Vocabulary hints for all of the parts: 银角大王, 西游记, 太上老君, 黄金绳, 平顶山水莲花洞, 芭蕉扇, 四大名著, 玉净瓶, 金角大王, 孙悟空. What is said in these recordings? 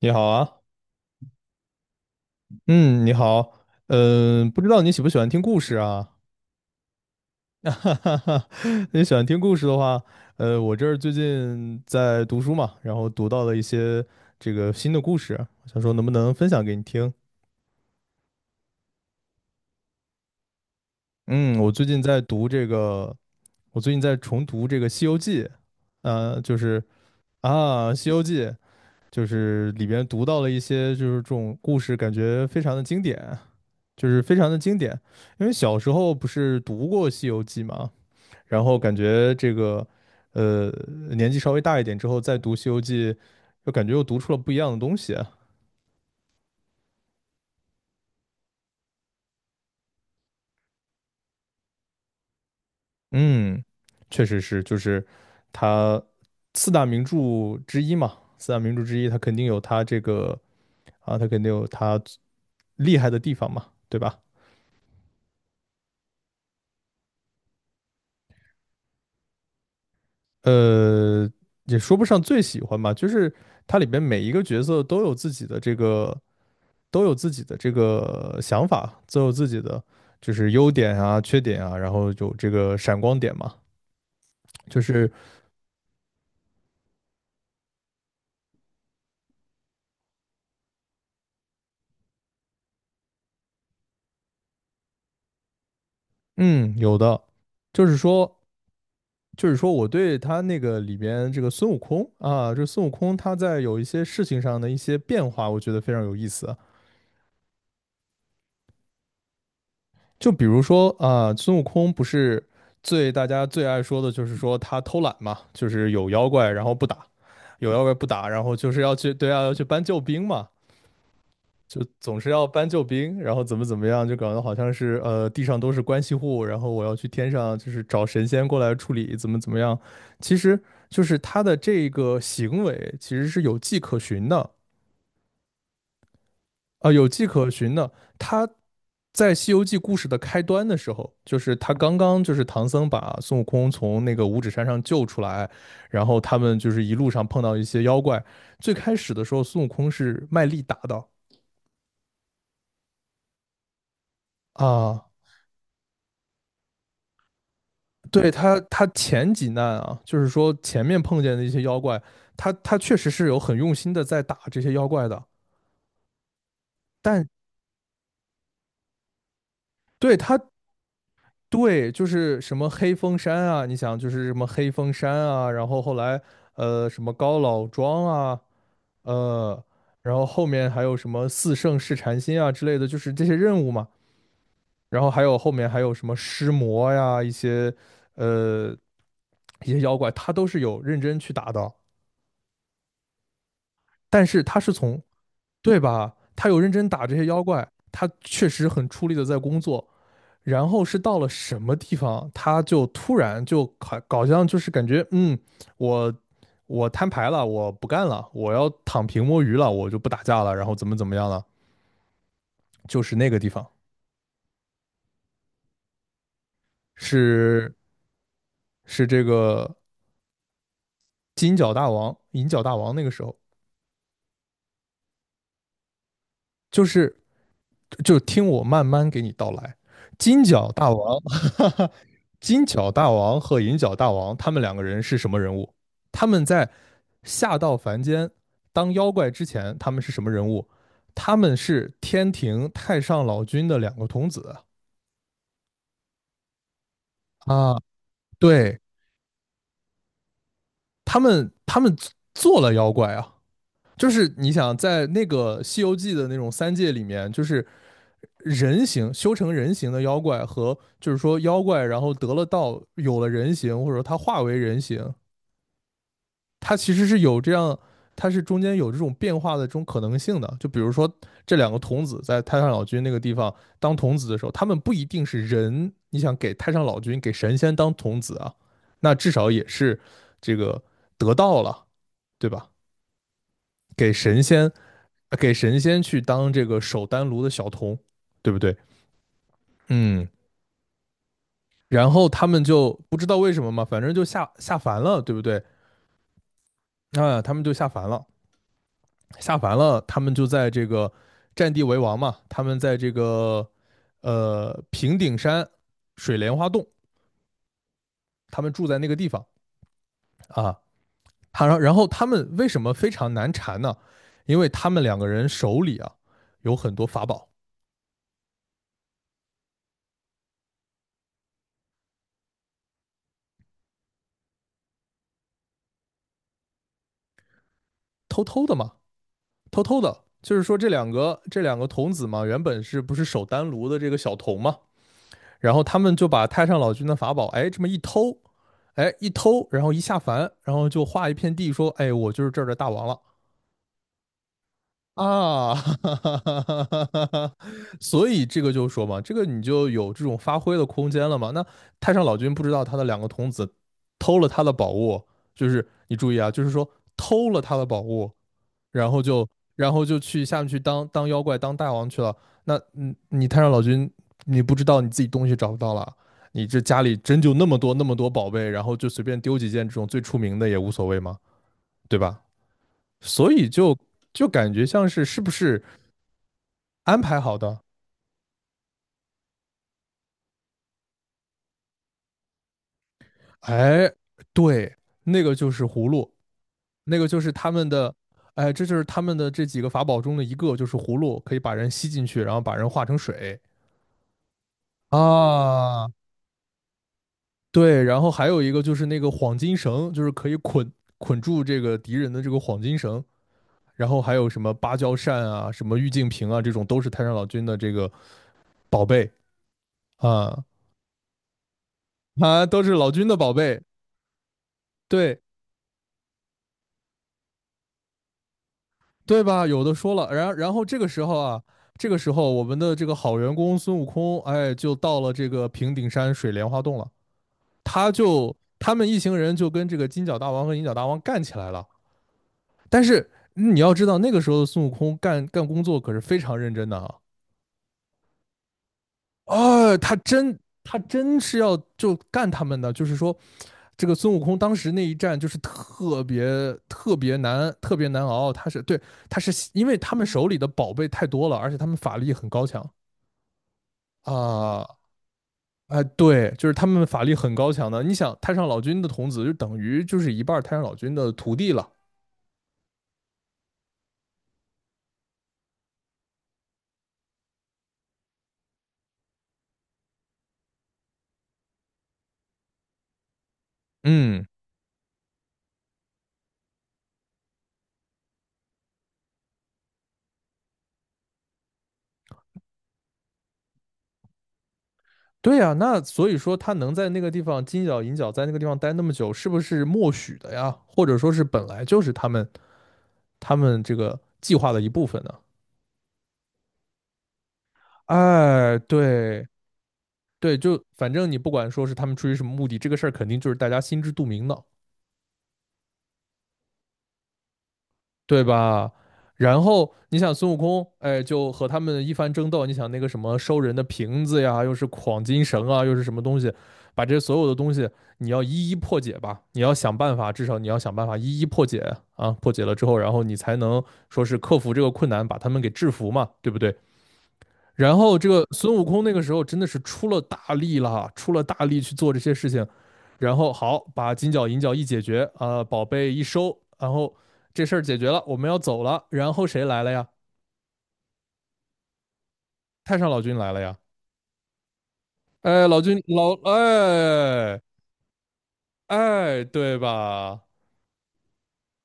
你好啊，嗯，你好，不知道你喜不喜欢听故事啊？哈哈哈，你喜欢听故事的话，我这儿最近在读书嘛，然后读到了一些这个新的故事，想说能不能分享给你听？嗯，我最近在读这个，我最近在重读这个《西游记》，呃，就是啊，《西游记》就是里边读到了一些就是这种故事，感觉非常的经典。就是非常的经典。因为小时候不是读过《西游记》嘛，然后感觉呃年纪稍微大一点之后再读《西游记》，就感觉又读出了不一样的东西啊。嗯，确实是，就是它四大名著之一嘛，四大名著之一，它肯定有它啊，它肯定有它厉害的地方嘛，对吧？呃，也说不上最喜欢吧，就是它里边每一个角色都有自己的都有自己的这个想法，都有自己的就是优点啊、缺点啊，然后有这个闪光点嘛，就是嗯，有的，就是说。就是说，我对他那个里边这个孙悟空啊，这孙悟空他在有一些事情上的一些变化，我觉得非常有意思。就比如说啊，孙悟空不是大家最爱说的就是说他偷懒嘛，就是有妖怪然后不打，有妖怪不打，然后就是要去对啊要去搬救兵嘛。就总是要搬救兵，然后怎么怎么样，就搞得好像是地上都是关系户，然后我要去天上就是找神仙过来处理，怎么怎么样。其实就是他的这个行为其实是有迹可循的，有迹可循的。他在《西游记》故事的开端的时候，就是他刚刚就是唐僧把孙悟空从那个五指山上救出来，然后他们就是一路上碰到一些妖怪。最开始的时候，孙悟空是卖力打的啊。对他，他前几难啊，就是说前面碰见的一些妖怪，他确实是有很用心的在打这些妖怪的，但对他对就是什么黑风山啊，你想就是什么黑风山啊，然后后来什么高老庄啊，呃，然后后面还有什么四圣试禅心啊之类的，就是这些任务嘛，然后还有后面还有什么尸魔呀，呃一些妖怪，他都是有认真去打的。但是他是从对吧？他有认真打这些妖怪，他确实很出力的在工作。然后是到了什么地方，他就突然就好像就是感觉，嗯，我我摊牌了，我不干了，我要躺平摸鱼了，我就不打架了，然后怎么怎么样了？就是那个地方，是是这个金角大王、银角大王那个时候，就是就听我慢慢给你道来，金角大王金角大王和银角大王他们两个人是什么人物？他们在下到凡间当妖怪之前，他们是什么人物？他们是天庭太上老君的两个童子啊，对他们做了妖怪啊，就是你想在那个《西游记》的那种三界里面，就是人形修成人形的妖怪和就是说妖怪，然后得了道，有了人形，或者说他化为人形，它其实是有这样，它是中间有这种变化的这种可能性的。就比如说这两个童子在太上老君那个地方当童子的时候，他们不一定是人，你想给太上老君给神仙当童子啊，那至少也是这个得道了，对吧？给神仙，给神仙去当这个守丹炉的小童，对不对？嗯，然后他们就不知道为什么嘛，反正就下凡了，对不对？啊，他们就下凡了。下凡了，他们就在这个占地为王嘛，他们在这个平顶山水莲花洞，他们住在那个地方啊。他然后他们为什么非常难缠呢？因为他们两个人手里啊有很多法宝，偷偷的嘛，偷偷的。就是说这两个童子嘛，原本是不是守丹炉的这个小童嘛？然后他们就把太上老君的法宝，哎，这么一偷，哎，一偷，然后一下凡，然后就画一片地，说，哎，我就是这儿的大王了。啊，所以这个就说嘛，这个你就有这种发挥的空间了嘛。那太上老君不知道他的两个童子偷了他的宝物，就是你注意啊，就是说偷了他的宝物，然后就然后就去下面去当妖怪当大王去了。那嗯，你太上老君，你不知道你自己东西找不到了，你这家里真就那么多宝贝，然后就随便丢几件这种最出名的也无所谓嘛，对吧？所以就就感觉像是是不是安排好的。哎，对，那个就是葫芦，那个就是他们的，哎，这就是他们的这几个法宝中的一个，就是葫芦，可以把人吸进去，然后把人化成水啊。对，然后还有一个就是那个黄金绳，就是可以捆住这个敌人的这个黄金绳。然后还有什么芭蕉扇啊、什么玉净瓶啊，这种都是太上老君的这个宝贝啊啊，都是老君的宝贝。对，对吧？有的说了，然后这个时候啊，这个时候我们的这个好员工孙悟空，哎，就到了这个平顶山水莲花洞了。他们一行人就跟这个金角大王和银角大王干起来了。但是嗯你要知道，那个时候的孙悟空干工作可是非常认真的啊，啊，他真是要就干他们的，就是说，这个孙悟空当时那一战就是特别特别难，特别难熬。他是对，他是因为他们手里的宝贝太多了，而且他们法力很高强啊。哎，对，就是他们法力很高强的。你想，太上老君的童子就等于就是一半太上老君的徒弟了。嗯，对呀，那所以说他能在那个地方金角银角在那个地方待那么久，是不是默许的呀？或者说是本来就是他们这个计划的一部分呢？哎，对对，就反正你不管说是他们出于什么目的，这个事儿肯定就是大家心知肚明的。对吧？然后你想孙悟空，哎，就和他们一番争斗。你想那个什么收人的瓶子呀，又是晃金绳啊，又是什么东西，把这所有的东西你要一一破解吧，你要想办法，至少你要想办法一一破解啊。破解了之后，然后你才能说是克服这个困难，把他们给制服嘛，对不对？然后这个孙悟空那个时候真的是出了大力了，出了大力去做这些事情，然后好把金角银角一解决啊、宝贝一收，然后这事儿解决了，我们要走了，然后谁来了呀？太上老君来了呀！哎，老君老哎哎，对吧？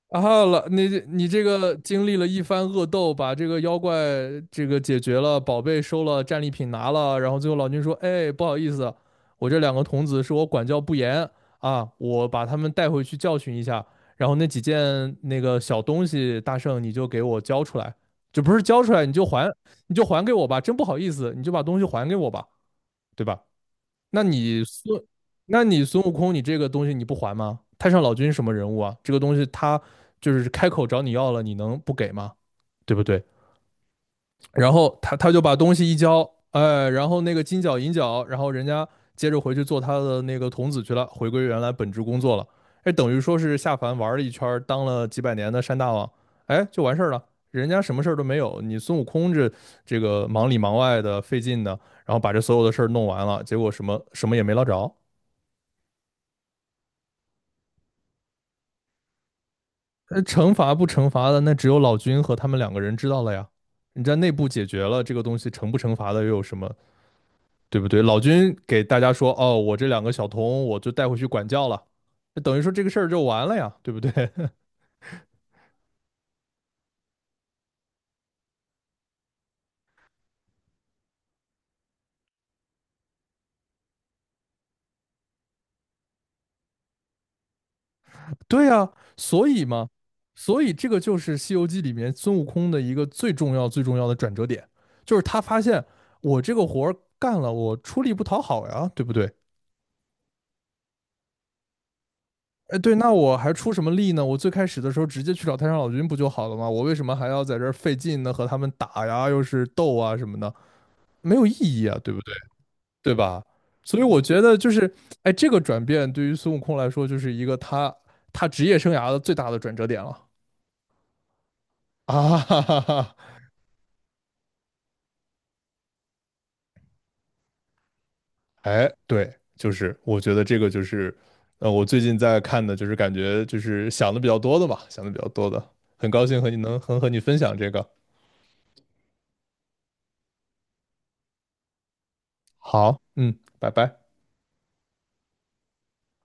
然后你这个经历了一番恶斗，把这个妖怪这个解决了，宝贝收了，战利品拿了，然后最后老君说："哎，不好意思，我这两个童子是我管教不严啊，我把他们带回去教训一下。然后那几件那个小东西，大圣你就给我交出来，你就还，你就还给我吧，真不好意思，你就把东西还给我吧，对吧？"那你孙，那你孙悟空，你这个东西你不还吗？太上老君什么人物啊？这个东西他就是开口找你要了，你能不给吗？对不对？然后他就把东西一交，哎，然后那个金角银角，然后人家接着回去做他的那个童子去了，回归原来本职工作了。哎，等于说是下凡玩了一圈儿当了几百年的山大王，哎，就完事儿了。人家什么事儿都没有，你孙悟空这个忙里忙外的费劲的，然后把这所有的事儿弄完了，结果什么什么也没捞着。惩罚不惩罚的，那只有老君和他们两个人知道了呀。你在内部解决了这个东西，惩不惩罚的又有什么，对不对？老君给大家说，哦，我这两个小童，我就带回去管教了，等于说这个事儿就完了呀，对不对？对呀，所以嘛，所以这个就是《西游记》里面孙悟空的一个最重要、最重要的转折点，就是他发现我这个活儿干了，我出力不讨好呀，对不对？哎，对，那我还出什么力呢？我最开始的时候直接去找太上老君不就好了吗？我为什么还要在这儿费劲呢？和他们打呀，又是斗啊什么的，没有意义啊，对不对？对吧？所以我觉得就是，哎，这个转变对于孙悟空来说，就是一个他职业生涯的最大的转折点了啊！哈哈哈，哎，对，就是我觉得这个就是，我最近在看的，就是感觉就是想的比较多的吧，想的比较多的，很高兴和你分享这个。好，嗯，拜拜。